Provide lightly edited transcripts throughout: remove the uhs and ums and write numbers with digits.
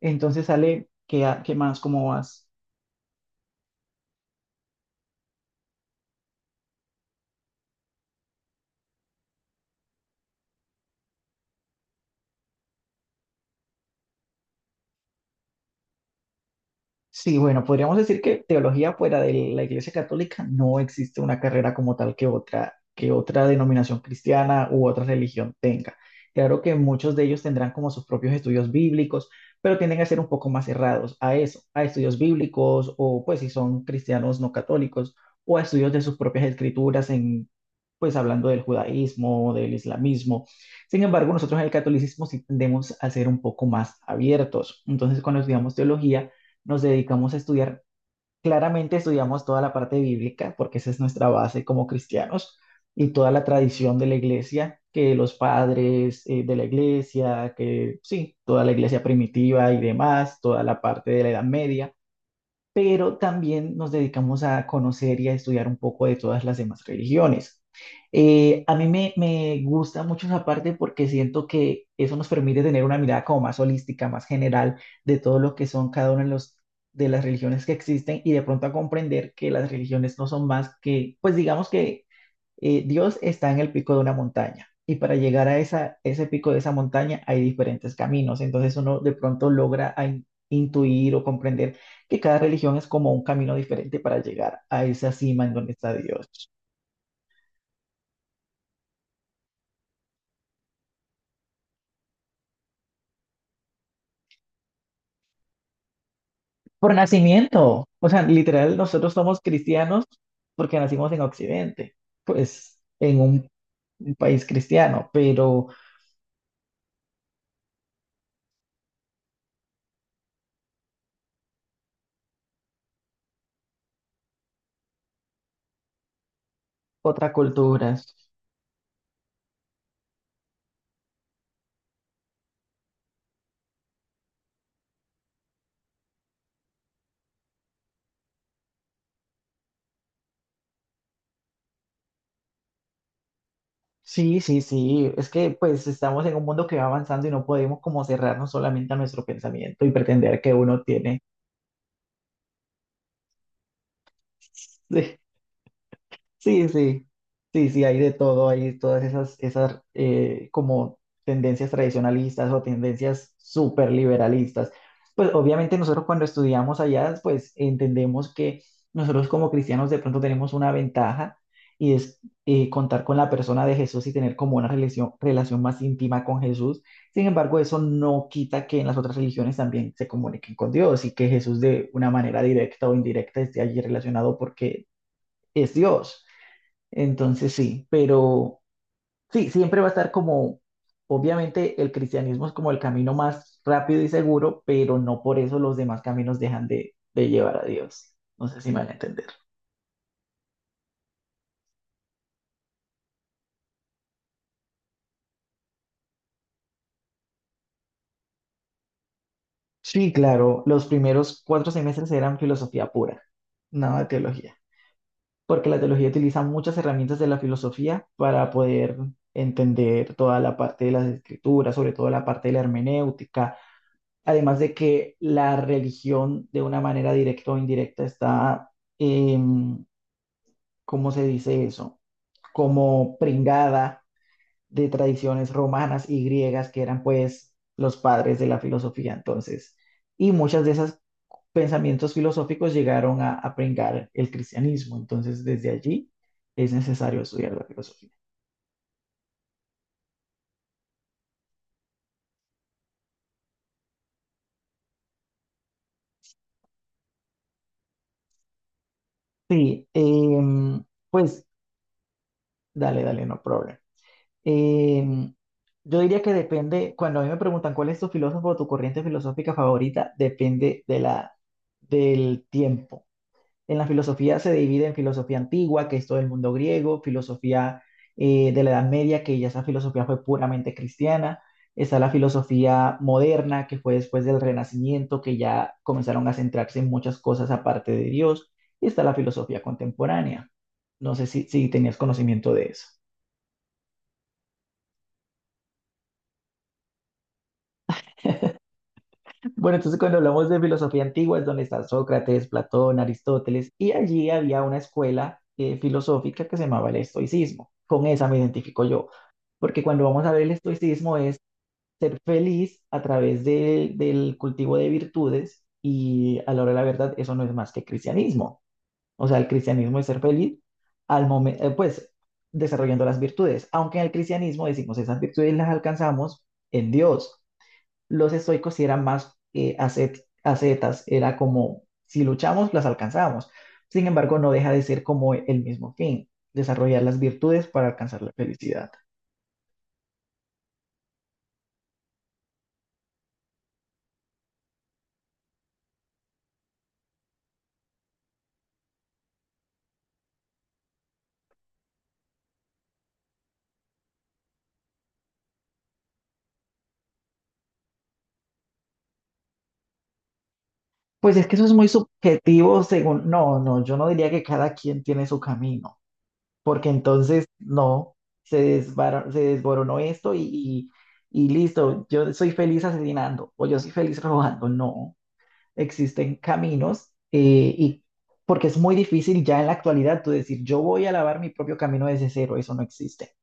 Entonces sale, ¿qué, qué más? ¿Cómo vas? Sí, bueno, podríamos decir que teología fuera de la Iglesia Católica no existe una carrera como tal que otra denominación cristiana u otra religión tenga. Claro que muchos de ellos tendrán como sus propios estudios bíblicos, pero tienden a ser un poco más cerrados a eso, a estudios bíblicos o pues si son cristianos no católicos o a estudios de sus propias escrituras en pues hablando del judaísmo, del islamismo. Sin embargo, nosotros en el catolicismo sí tendemos a ser un poco más abiertos. Entonces, cuando estudiamos teología, nos dedicamos a estudiar. Claramente estudiamos toda la parte bíblica, porque esa es nuestra base como cristianos, y toda la tradición de la iglesia, que los padres de la iglesia, que sí, toda la iglesia primitiva y demás, toda la parte de la Edad Media, pero también nos dedicamos a conocer y a estudiar un poco de todas las demás religiones. A mí me gusta mucho esa parte porque siento que eso nos permite tener una mirada como más holística, más general de todo lo que son cada una de, los, de las religiones que existen y de pronto a comprender que las religiones no son más que, pues digamos que Dios está en el pico de una montaña y para llegar a esa, ese pico de esa montaña hay diferentes caminos. Entonces uno de pronto logra a intuir o comprender que cada religión es como un camino diferente para llegar a esa cima en donde está Dios. Por nacimiento, o sea, literal, nosotros somos cristianos porque nacimos en Occidente, pues en un país cristiano, pero otras culturas. Sí, sí, sí. Es que pues estamos en un mundo que va avanzando y no podemos como cerrarnos solamente a nuestro pensamiento y pretender que uno tiene Sí, sí, sí, sí, hay de todo, hay todas esas, esas como tendencias tradicionalistas o tendencias súper liberalistas. Pues obviamente nosotros cuando estudiamos allá, pues entendemos que nosotros como cristianos de pronto tenemos una ventaja y es contar con la persona de Jesús y tener como una relación, relación más íntima con Jesús. Sin embargo, eso no quita que en las otras religiones también se comuniquen con Dios y que Jesús de una manera directa o indirecta esté allí relacionado porque es Dios. Entonces sí, pero sí, siempre va a estar como, obviamente el cristianismo es como el camino más rápido y seguro, pero no por eso los demás caminos dejan de llevar a Dios. No sé si me van a entender. Sí, claro, los primeros 4 semestres eran filosofía pura, nada de teología, porque la teología utiliza muchas herramientas de la filosofía para poder entender toda la parte de las escrituras, sobre todo la parte de la hermenéutica. Además de que la religión, de una manera directa o indirecta, está, em, ¿cómo se dice eso? Como pringada de tradiciones romanas y griegas que eran pues los padres de la filosofía entonces. Y muchas de esas pensamientos filosóficos llegaron a pringar el cristianismo. Entonces, desde allí es necesario estudiar la filosofía. Sí, pues dale, dale, no problema. Em, yo diría que depende, cuando a mí me preguntan cuál es tu filósofo o tu corriente filosófica favorita, depende de la, del tiempo. En la filosofía se divide en filosofía antigua, que es todo el mundo griego, filosofía de la Edad Media, que ya esa filosofía fue puramente cristiana. Está la filosofía moderna, que fue después del Renacimiento, que ya comenzaron a centrarse en muchas cosas aparte de Dios. Y está la filosofía contemporánea. No sé si, si tenías conocimiento de eso. Bueno, entonces cuando hablamos de filosofía antigua es donde está Sócrates, Platón, Aristóteles, y allí había una escuela filosófica que se llamaba el estoicismo. Con esa me identifico yo, porque cuando vamos a ver el estoicismo es ser feliz a través del cultivo de virtudes y a la hora de la verdad eso no es más que cristianismo. O sea, el cristianismo es ser feliz al momento, pues desarrollando las virtudes, aunque en el cristianismo decimos esas virtudes las alcanzamos en Dios. Los estoicos sí eran más ascetas, era como si luchamos, las alcanzamos. Sin embargo, no deja de ser como el mismo fin, desarrollar las virtudes para alcanzar la felicidad. Pues es que eso es muy subjetivo según, no, no, yo no diría que cada quien tiene su camino, porque entonces no, se desboronó esto y listo, yo soy feliz asesinando o yo soy feliz robando, no. Existen caminos porque es muy difícil ya en la actualidad tú decir, yo voy a lavar mi propio camino desde cero, eso no existe.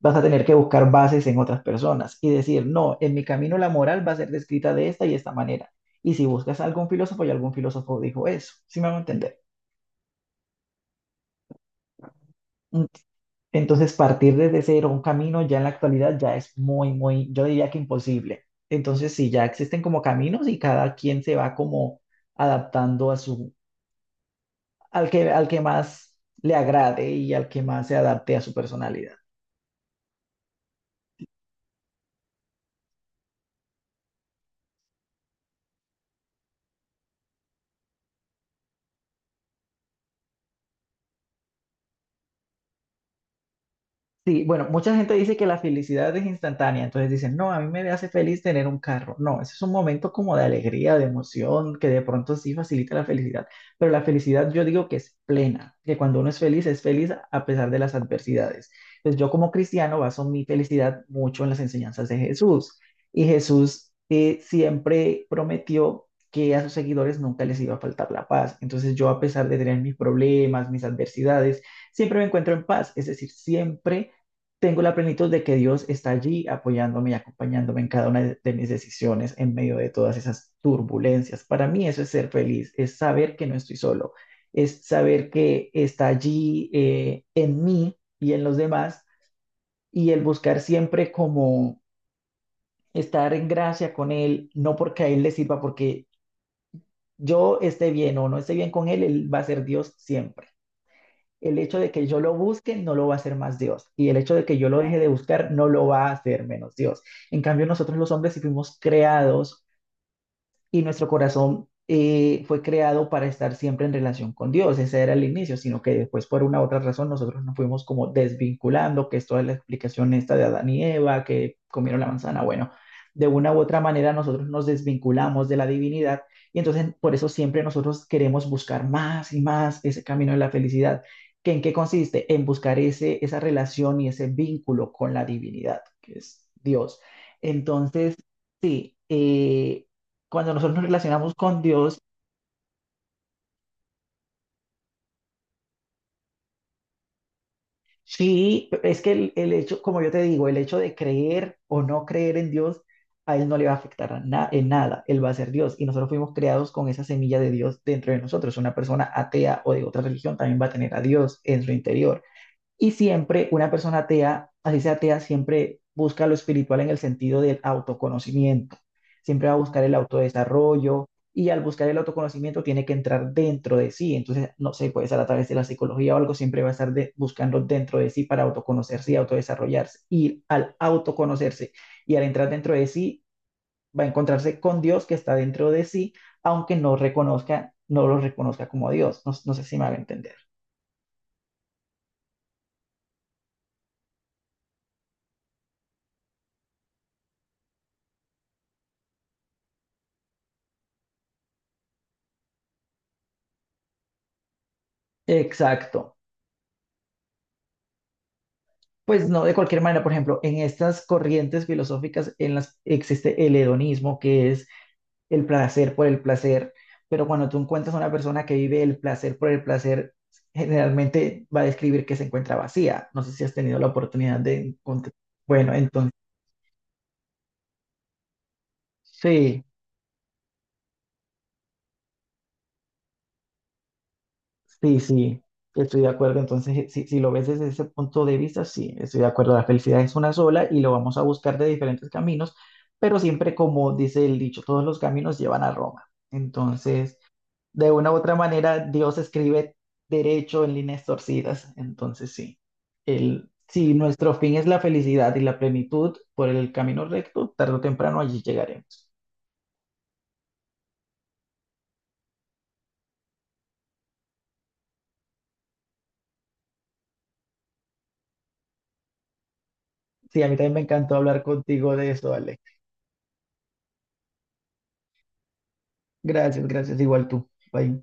Vas a tener que buscar bases en otras personas y decir, no, en mi camino la moral va a ser descrita de esta y esta manera. Y si buscas a algún filósofo, y algún filósofo dijo eso, ¿sí me van a entender? Entonces, partir desde cero un camino ya en la actualidad ya es muy, muy, yo diría que imposible. Entonces, sí, ya existen como caminos y cada quien se va como adaptando a su, al que más le agrade y al que más se adapte a su personalidad. Sí, bueno, mucha gente dice que la felicidad es instantánea, entonces dicen, no, a mí me hace feliz tener un carro. No, ese es un momento como de alegría, de emoción, que de pronto sí facilita la felicidad, pero la felicidad yo digo que es plena, que cuando uno es feliz a pesar de las adversidades. Entonces yo como cristiano baso mi felicidad mucho en las enseñanzas de Jesús, y Jesús siempre prometió que a sus seguidores nunca les iba a faltar la paz. Entonces yo a pesar de tener mis problemas, mis adversidades, siempre me encuentro en paz, es decir, siempre tengo la plenitud de que Dios está allí apoyándome y acompañándome en cada una de mis decisiones en medio de todas esas turbulencias. Para mí eso es ser feliz, es saber que no estoy solo, es saber que está allí en mí y en los demás y el buscar siempre como estar en gracia con Él, no porque a Él le sirva, porque yo esté bien o no esté bien con Él, Él va a ser Dios siempre. El hecho de que yo lo busque no lo va a hacer más Dios y el hecho de que yo lo deje de buscar no lo va a hacer menos Dios. En cambio, nosotros los hombres sí fuimos creados y nuestro corazón fue creado para estar siempre en relación con Dios. Ese era el inicio, sino que después por una u otra razón nosotros nos fuimos como desvinculando, que es toda la explicación esta de Adán y Eva, que comieron la manzana. Bueno, de una u otra manera nosotros nos desvinculamos de la divinidad y entonces por eso siempre nosotros queremos buscar más y más ese camino de la felicidad. ¿Que en qué consiste? En buscar ese, esa relación y ese vínculo con la divinidad, que es Dios. Entonces, sí, cuando nosotros nos relacionamos con Dios, sí, es que el hecho, como yo te digo, el hecho de creer o no creer en Dios, a Él no le va a afectar en nada, Él va a ser Dios. Y nosotros fuimos creados con esa semilla de Dios dentro de nosotros. Una persona atea o de otra religión también va a tener a Dios en su interior. Y siempre una persona atea, así sea atea, siempre busca lo espiritual en el sentido del autoconocimiento. Siempre va a buscar el autodesarrollo y al buscar el autoconocimiento tiene que entrar dentro de sí. Entonces, no sé, puede ser a través de la psicología o algo, siempre va a estar buscando dentro de sí para autoconocerse y autodesarrollarse. Y al autoconocerse y al entrar dentro de sí, va a encontrarse con Dios que está dentro de sí, aunque no reconozca, no lo reconozca como Dios. No, no sé si me va a entender. Exacto. Pues no, de cualquier manera, por ejemplo, en estas corrientes filosóficas en las existe el hedonismo, que es el placer por el placer, pero cuando tú encuentras a una persona que vive el placer por el placer, generalmente va a describir que se encuentra vacía. No sé si has tenido la oportunidad de encontrar. Bueno, entonces, sí. Sí, sí, estoy de acuerdo. Entonces, si, si lo ves desde ese punto de vista, sí, estoy de acuerdo. La felicidad es una sola y lo vamos a buscar de diferentes caminos, pero siempre como dice el dicho, todos los caminos llevan a Roma. Entonces, de una u otra manera, Dios escribe derecho en líneas torcidas. Entonces, sí, el, si nuestro fin es la felicidad y la plenitud por el camino recto, tarde o temprano allí llegaremos. Sí, a mí también me encantó hablar contigo de eso, Ale. Gracias, gracias, igual tú. Bye.